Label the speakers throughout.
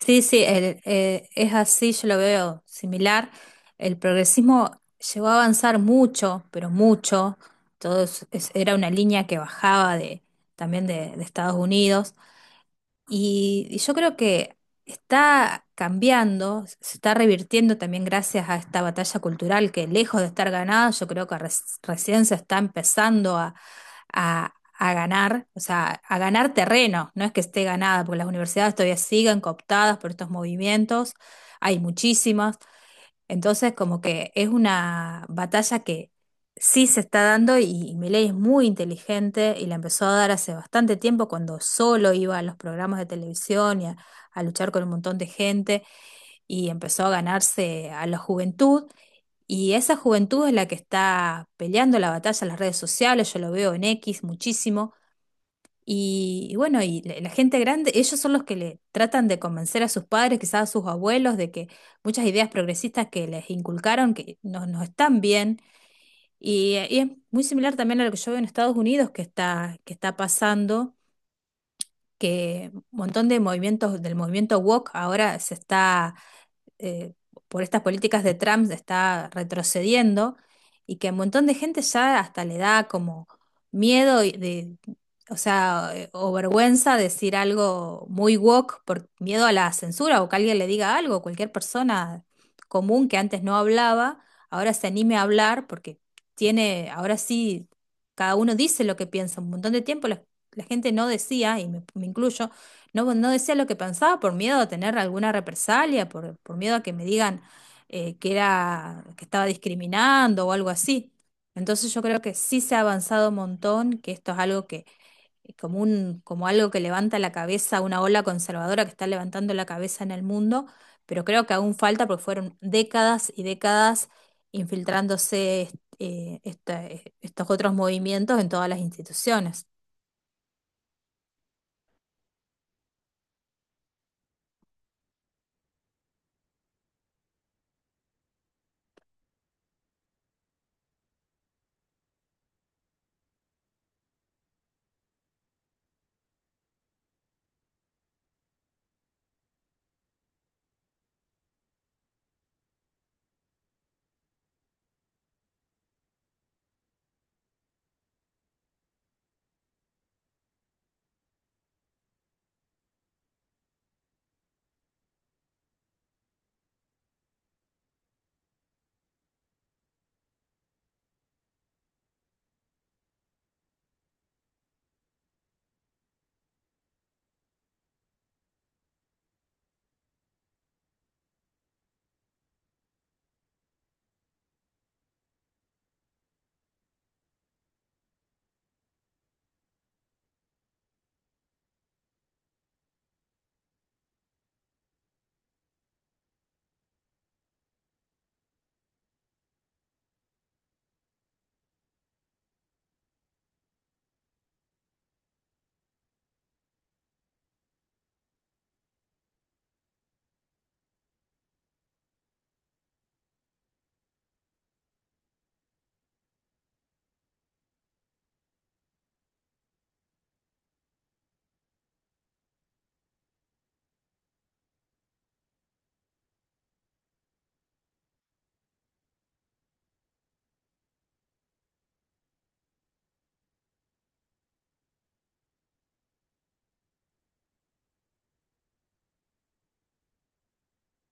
Speaker 1: Sí, sí, es así, yo lo veo similar. El progresismo llegó a avanzar mucho, pero mucho. Todo era una línea que bajaba de, también de Estados Unidos. Y yo creo que está cambiando, se está revirtiendo también gracias a esta batalla cultural que lejos de estar ganada, yo creo que recién se está empezando a ganar, o sea, a ganar terreno, no es que esté ganada, porque las universidades todavía siguen cooptadas por estos movimientos, hay muchísimas, entonces como que es una batalla que sí se está dando y Milei es muy inteligente y la empezó a dar hace bastante tiempo cuando solo iba a los programas de televisión y a luchar con un montón de gente y empezó a ganarse a la juventud. Y esa juventud es la que está peleando la batalla en las redes sociales, yo lo veo en X muchísimo, y bueno, y la gente grande, ellos son los que le tratan de convencer a sus padres, quizás a sus abuelos, de que muchas ideas progresistas que les inculcaron que no, no están bien. Y es muy similar también a lo que yo veo en Estados Unidos que está pasando, que un montón de movimientos del movimiento woke ahora se está eh, por estas políticas de Trump está retrocediendo y que a un montón de gente ya hasta le da como miedo y de, o sea, o vergüenza decir algo muy woke por miedo a la censura o que alguien le diga algo, cualquier persona común que antes no hablaba, ahora se anime a hablar porque tiene, ahora sí, cada uno dice lo que piensa. Un montón de tiempo la, la gente no decía, y me incluyo, no, no decía lo que pensaba por miedo a tener alguna represalia, por miedo a que me digan que era, que estaba discriminando o algo así. Entonces yo creo que sí se ha avanzado un montón, que esto es algo que, como un, como algo que levanta la cabeza, una ola conservadora que está levantando la cabeza en el mundo, pero creo que aún falta porque fueron décadas y décadas infiltrándose estos otros movimientos en todas las instituciones.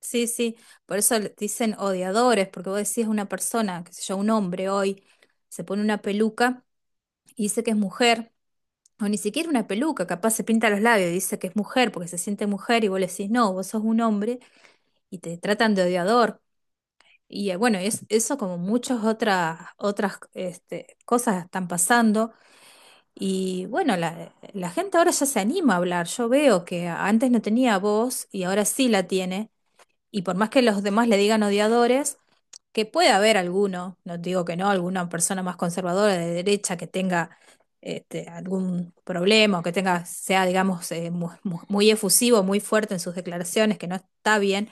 Speaker 1: Sí, sí, por eso dicen odiadores, porque vos decís una persona, qué sé yo, un hombre hoy, se pone una peluca y dice que es mujer, o ni siquiera una peluca, capaz se pinta los labios y dice que es mujer porque se siente mujer y vos le decís, no, vos sos un hombre y te tratan de odiador. Y bueno, es, eso como muchas otras, otras este, cosas están pasando. Y bueno, la gente ahora ya se anima a hablar. Yo veo que antes no tenía voz y ahora sí la tiene y por más que los demás le digan odiadores, que puede haber alguno, no digo que no, alguna persona más conservadora de derecha que tenga este, algún problema o que tenga, sea, digamos, muy, efusivo, muy fuerte en sus declaraciones, que no está bien,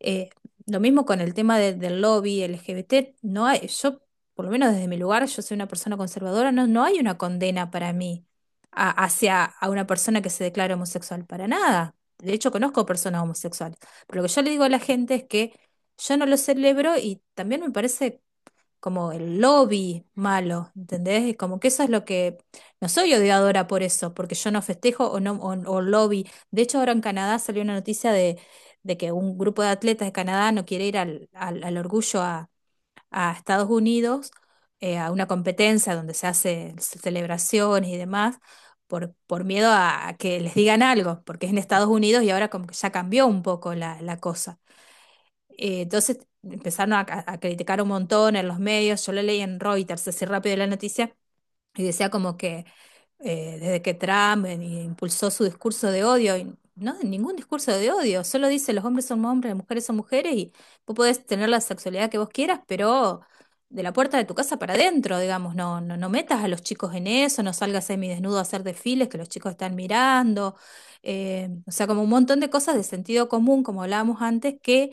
Speaker 1: eh, lo mismo con el tema del lobby LGBT, no hay, yo, por lo menos desde mi lugar, yo soy una persona conservadora, no, no hay una condena para mí hacia a una persona que se declara homosexual, para nada. De hecho, conozco personas homosexuales. Pero lo que yo le digo a la gente es que yo no lo celebro y también me parece como el lobby malo, ¿entendés? Y como que eso es lo que... No soy odiadora por eso, porque yo no festejo o, no, o lobby. De hecho, ahora en Canadá salió una noticia de que un grupo de atletas de Canadá no quiere ir al, al, al orgullo a Estados Unidos, a una competencia donde se hace celebraciones y demás, por miedo a que les digan algo, porque es en Estados Unidos y ahora como que ya cambió un poco la, la cosa. Entonces empezaron a criticar un montón en los medios. Yo lo leí en Reuters, así rápido la noticia, y decía como que desde que Trump impulsó su discurso de odio, y no, ningún discurso de odio, solo dice los hombres son hombres, las mujeres son mujeres, y vos podés tener la sexualidad que vos quieras, pero de la puerta de tu casa para adentro, digamos, no, no, no metas a los chicos en eso, no salgas semidesnudo a hacer desfiles que los chicos están mirando. O sea, como un montón de cosas de sentido común, como hablábamos antes, que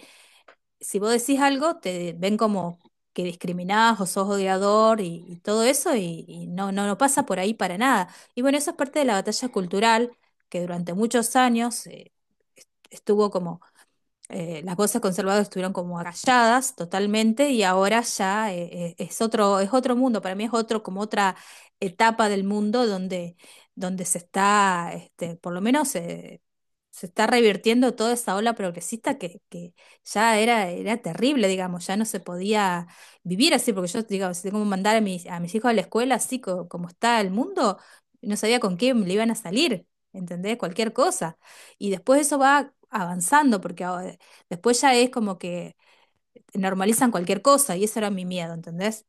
Speaker 1: si vos decís algo, te ven como que discriminás o sos odiador y todo eso, y no, no, no pasa por ahí para nada. Y bueno, eso es parte de la batalla cultural que durante muchos años estuvo como las voces conservadoras estuvieron como agalladas totalmente y ahora ya es otro mundo, para mí es otro, como otra etapa del mundo donde, donde se está, este, por lo menos se está revirtiendo toda esa ola progresista que ya era, era terrible, digamos, ya no se podía vivir así, porque yo, digamos, si tengo que mandar a mis hijos a la escuela así como está el mundo, no sabía con quién le iban a salir. ¿Entendés? Cualquier cosa. Y después eso va avanzando, porque ahora. Después ya es como que normalizan cualquier cosa y eso era mi miedo, ¿entendés?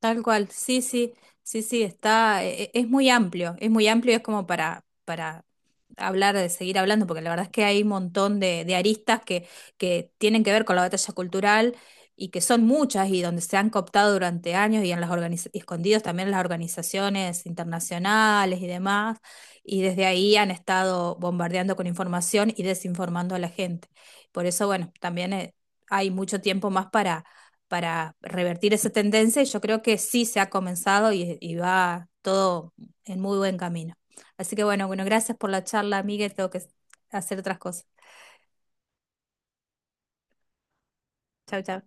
Speaker 1: Tal cual, sí, sí, sí, sí, está, es muy amplio, es muy amplio, es como para hablar, de seguir hablando, porque la verdad es que hay un montón de aristas que tienen que ver con la batalla cultural y que son muchas y donde se han cooptado durante años y en las y escondidos también en las organizaciones internacionales y demás, y desde ahí han estado bombardeando con información y desinformando a la gente. Por eso, bueno, también hay mucho tiempo más para revertir esa tendencia y yo creo que sí se ha comenzado y va todo en muy buen camino. Así que bueno, bueno, gracias por la charla, Miguel, tengo que hacer otras cosas. Chau, chau.